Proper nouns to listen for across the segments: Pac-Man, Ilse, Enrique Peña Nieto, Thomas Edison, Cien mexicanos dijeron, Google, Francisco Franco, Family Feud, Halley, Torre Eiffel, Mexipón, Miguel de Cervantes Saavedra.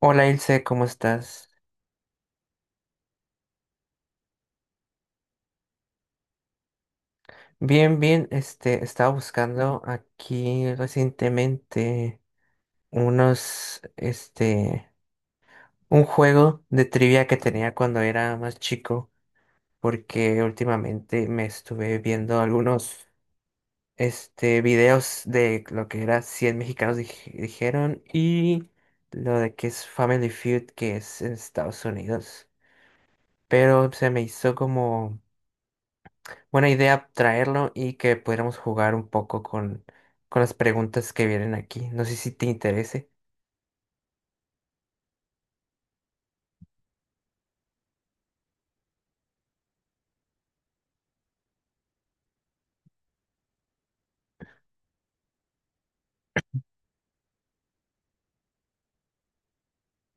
Hola Ilse, ¿cómo estás? Bien, bien, estaba buscando aquí recientemente unos, este, un juego de trivia que tenía cuando era más chico, porque últimamente me estuve viendo videos de lo que era Cien mexicanos dijeron y lo de que es Family Feud, que es en Estados Unidos, pero se me hizo como buena idea traerlo y que pudiéramos jugar un poco con las preguntas que vienen aquí. No sé si te interese.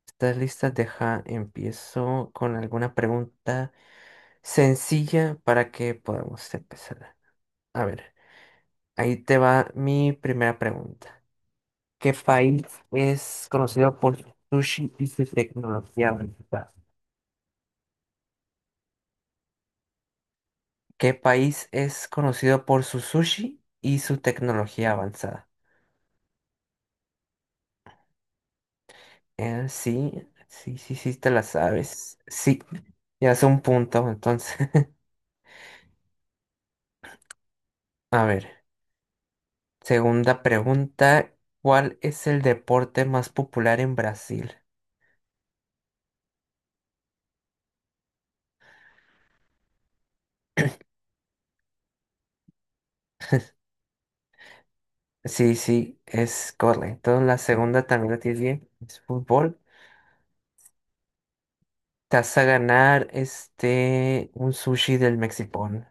¿Estás lista? Deja, empiezo con alguna pregunta sencilla para que podamos empezar. A ver, ahí te va mi primera pregunta. ¿Qué país es conocido por su sushi y su tecnología avanzada? ¿Qué país es conocido por su sushi y su tecnología avanzada? Sí, sí, te la sabes. Sí, ya es un punto, entonces. A ver, segunda pregunta, ¿cuál es el deporte más popular en Brasil? Sí, sí, es correcto. La segunda también la tienes bien, es fútbol. Te vas a ganar este, un sushi del Mexipón.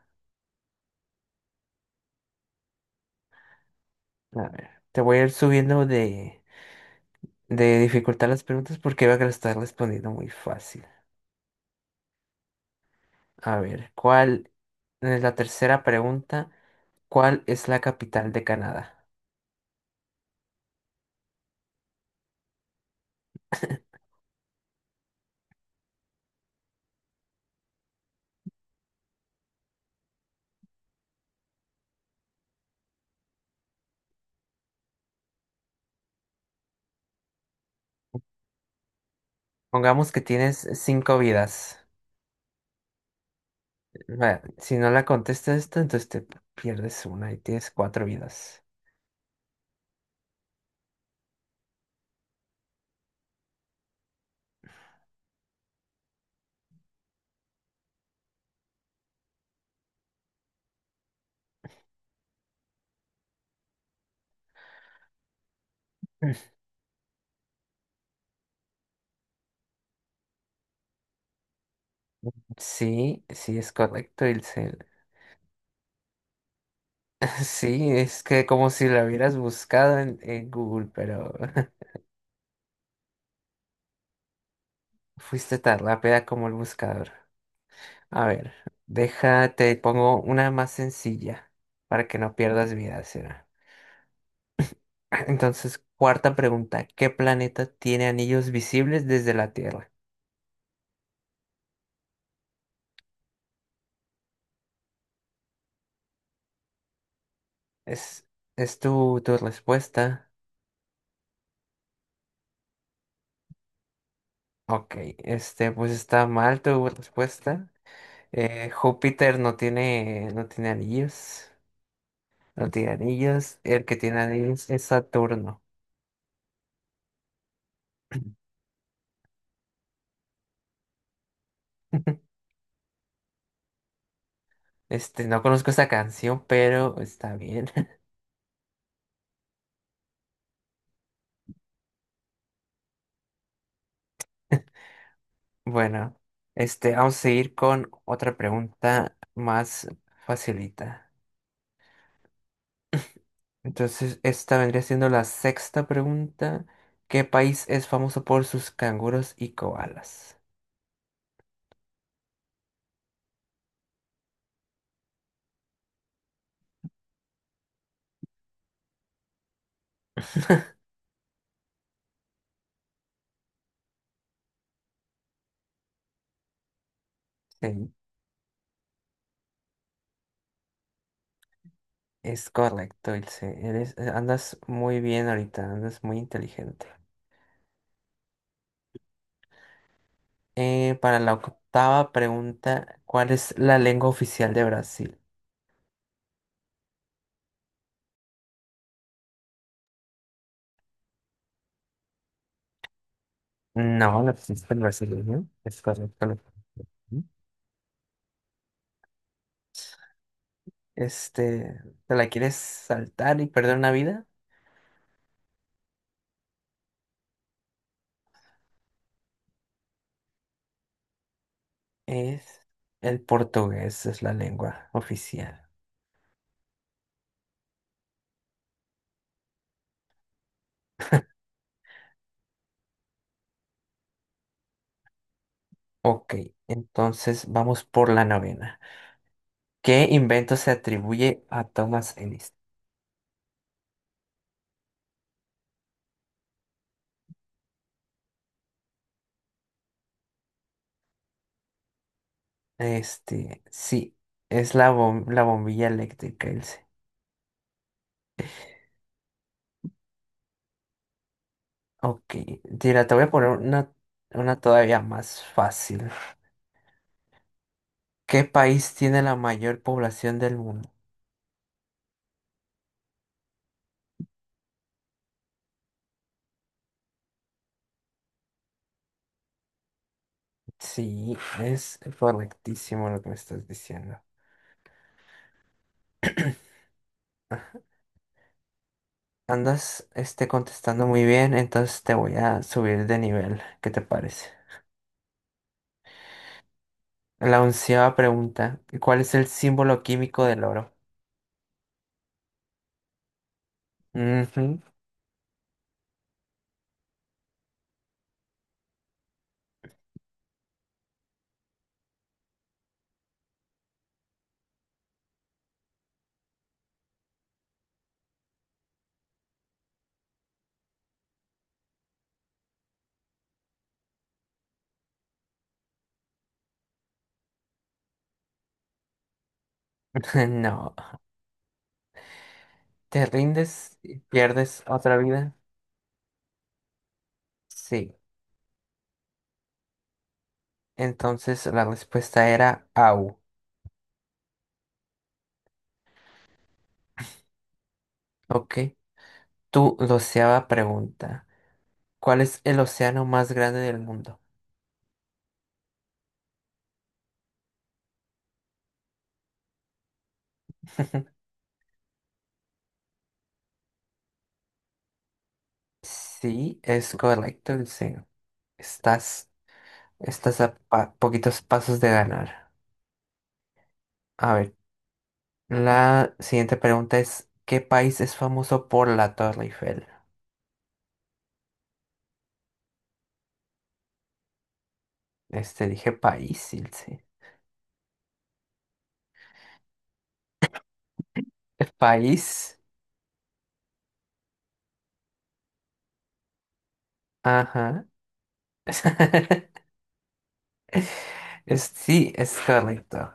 A ver, te voy a ir subiendo de dificultad las preguntas porque veo a estar respondiendo muy fácil. A ver, ¿cuál es la tercera pregunta? ¿Cuál es la capital de Canadá? Pongamos que tienes cinco vidas. Va, si no la contestas esto, entonces te pierdes una y tienes cuatro vidas. Mm. Sí, sí es correcto, Ilse. Sí, es que como si la hubieras buscado en Google, pero fuiste tan rápida como el buscador. A ver, déjate, pongo una más sencilla para que no pierdas vida, será. Entonces, cuarta pregunta, ¿qué planeta tiene anillos visibles desde la Tierra? Es, es tu respuesta. Ok, este, pues está mal tu respuesta. Júpiter no tiene anillos. No tiene anillos. El que tiene anillos es Saturno. Este, no conozco esta canción, pero está bien. Bueno, este, vamos a seguir con otra pregunta más facilita. Entonces, esta vendría siendo la sexta pregunta. ¿Qué país es famoso por sus canguros y koalas? Sí. Es correcto, Ilse. Eres, andas muy bien ahorita, andas muy inteligente. Para la octava pregunta, ¿cuál es la lengua oficial de Brasil? No, la pues, es el brasileño. Es correcto. Lo- este, ¿te la quieres saltar y perder una vida? Es el portugués, es la lengua oficial. Ok, entonces vamos por la novena. ¿Qué invento se atribuye a Thomas Edison? Este, sí, es la, bom- la bombilla eléctrica, Ilse. Ok, mira, te voy a poner una todavía más fácil. ¿Qué país tiene la mayor población del mundo? Sí, es correctísimo lo que me estás diciendo. Andas, este, contestando muy bien, entonces te voy a subir de nivel. ¿Qué te parece? La onceava pregunta, ¿cuál es el símbolo químico del oro? Ujú. No, ¿te rindes y pierdes otra vida? Sí, entonces la respuesta era AU. Ok. Tu doceava pregunta. ¿Cuál es el océano más grande del mundo? Sí, es correcto, el cero. Estás, Estás a poquitos pasos de ganar. A ver, la siguiente pregunta es, ¿qué país es famoso por la Torre Eiffel? Este, dije país, Ilse. ¿País? Ajá. Sí, es correcto.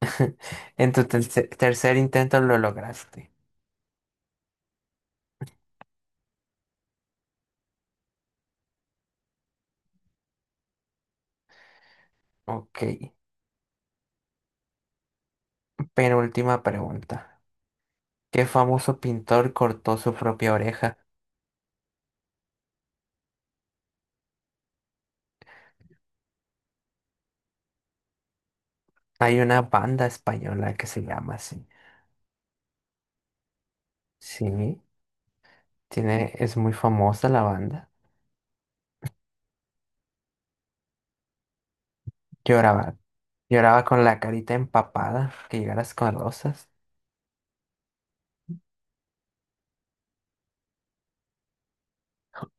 En tu tercer intento lo lograste. Ok. Penúltima pregunta. ¿Qué famoso pintor cortó su propia oreja? Hay una banda española que se llama así. Sí, tiene, es muy famosa la banda. Lloraba, lloraba con la carita empapada, que llegaras con rosas.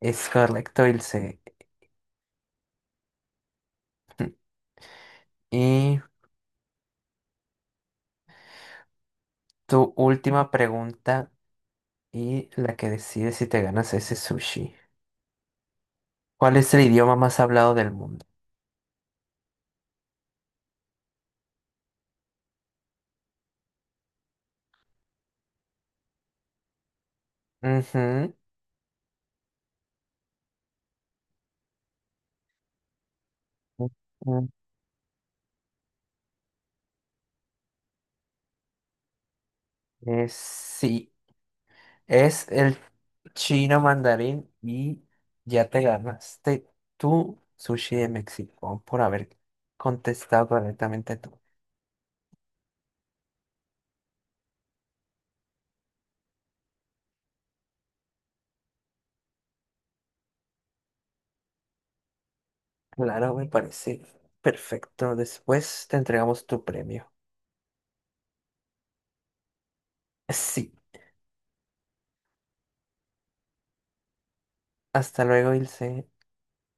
Es correcto, Ilse. Y tu última pregunta y la que decide si te ganas ese sushi. ¿Cuál es el idioma más hablado del mundo? Ujú. Mm, sí, es el chino mandarín y ya te ganaste tu sushi de México por haber contestado correctamente tú. Claro, me parece perfecto. Después te entregamos tu premio. Sí, hasta luego, Ilse.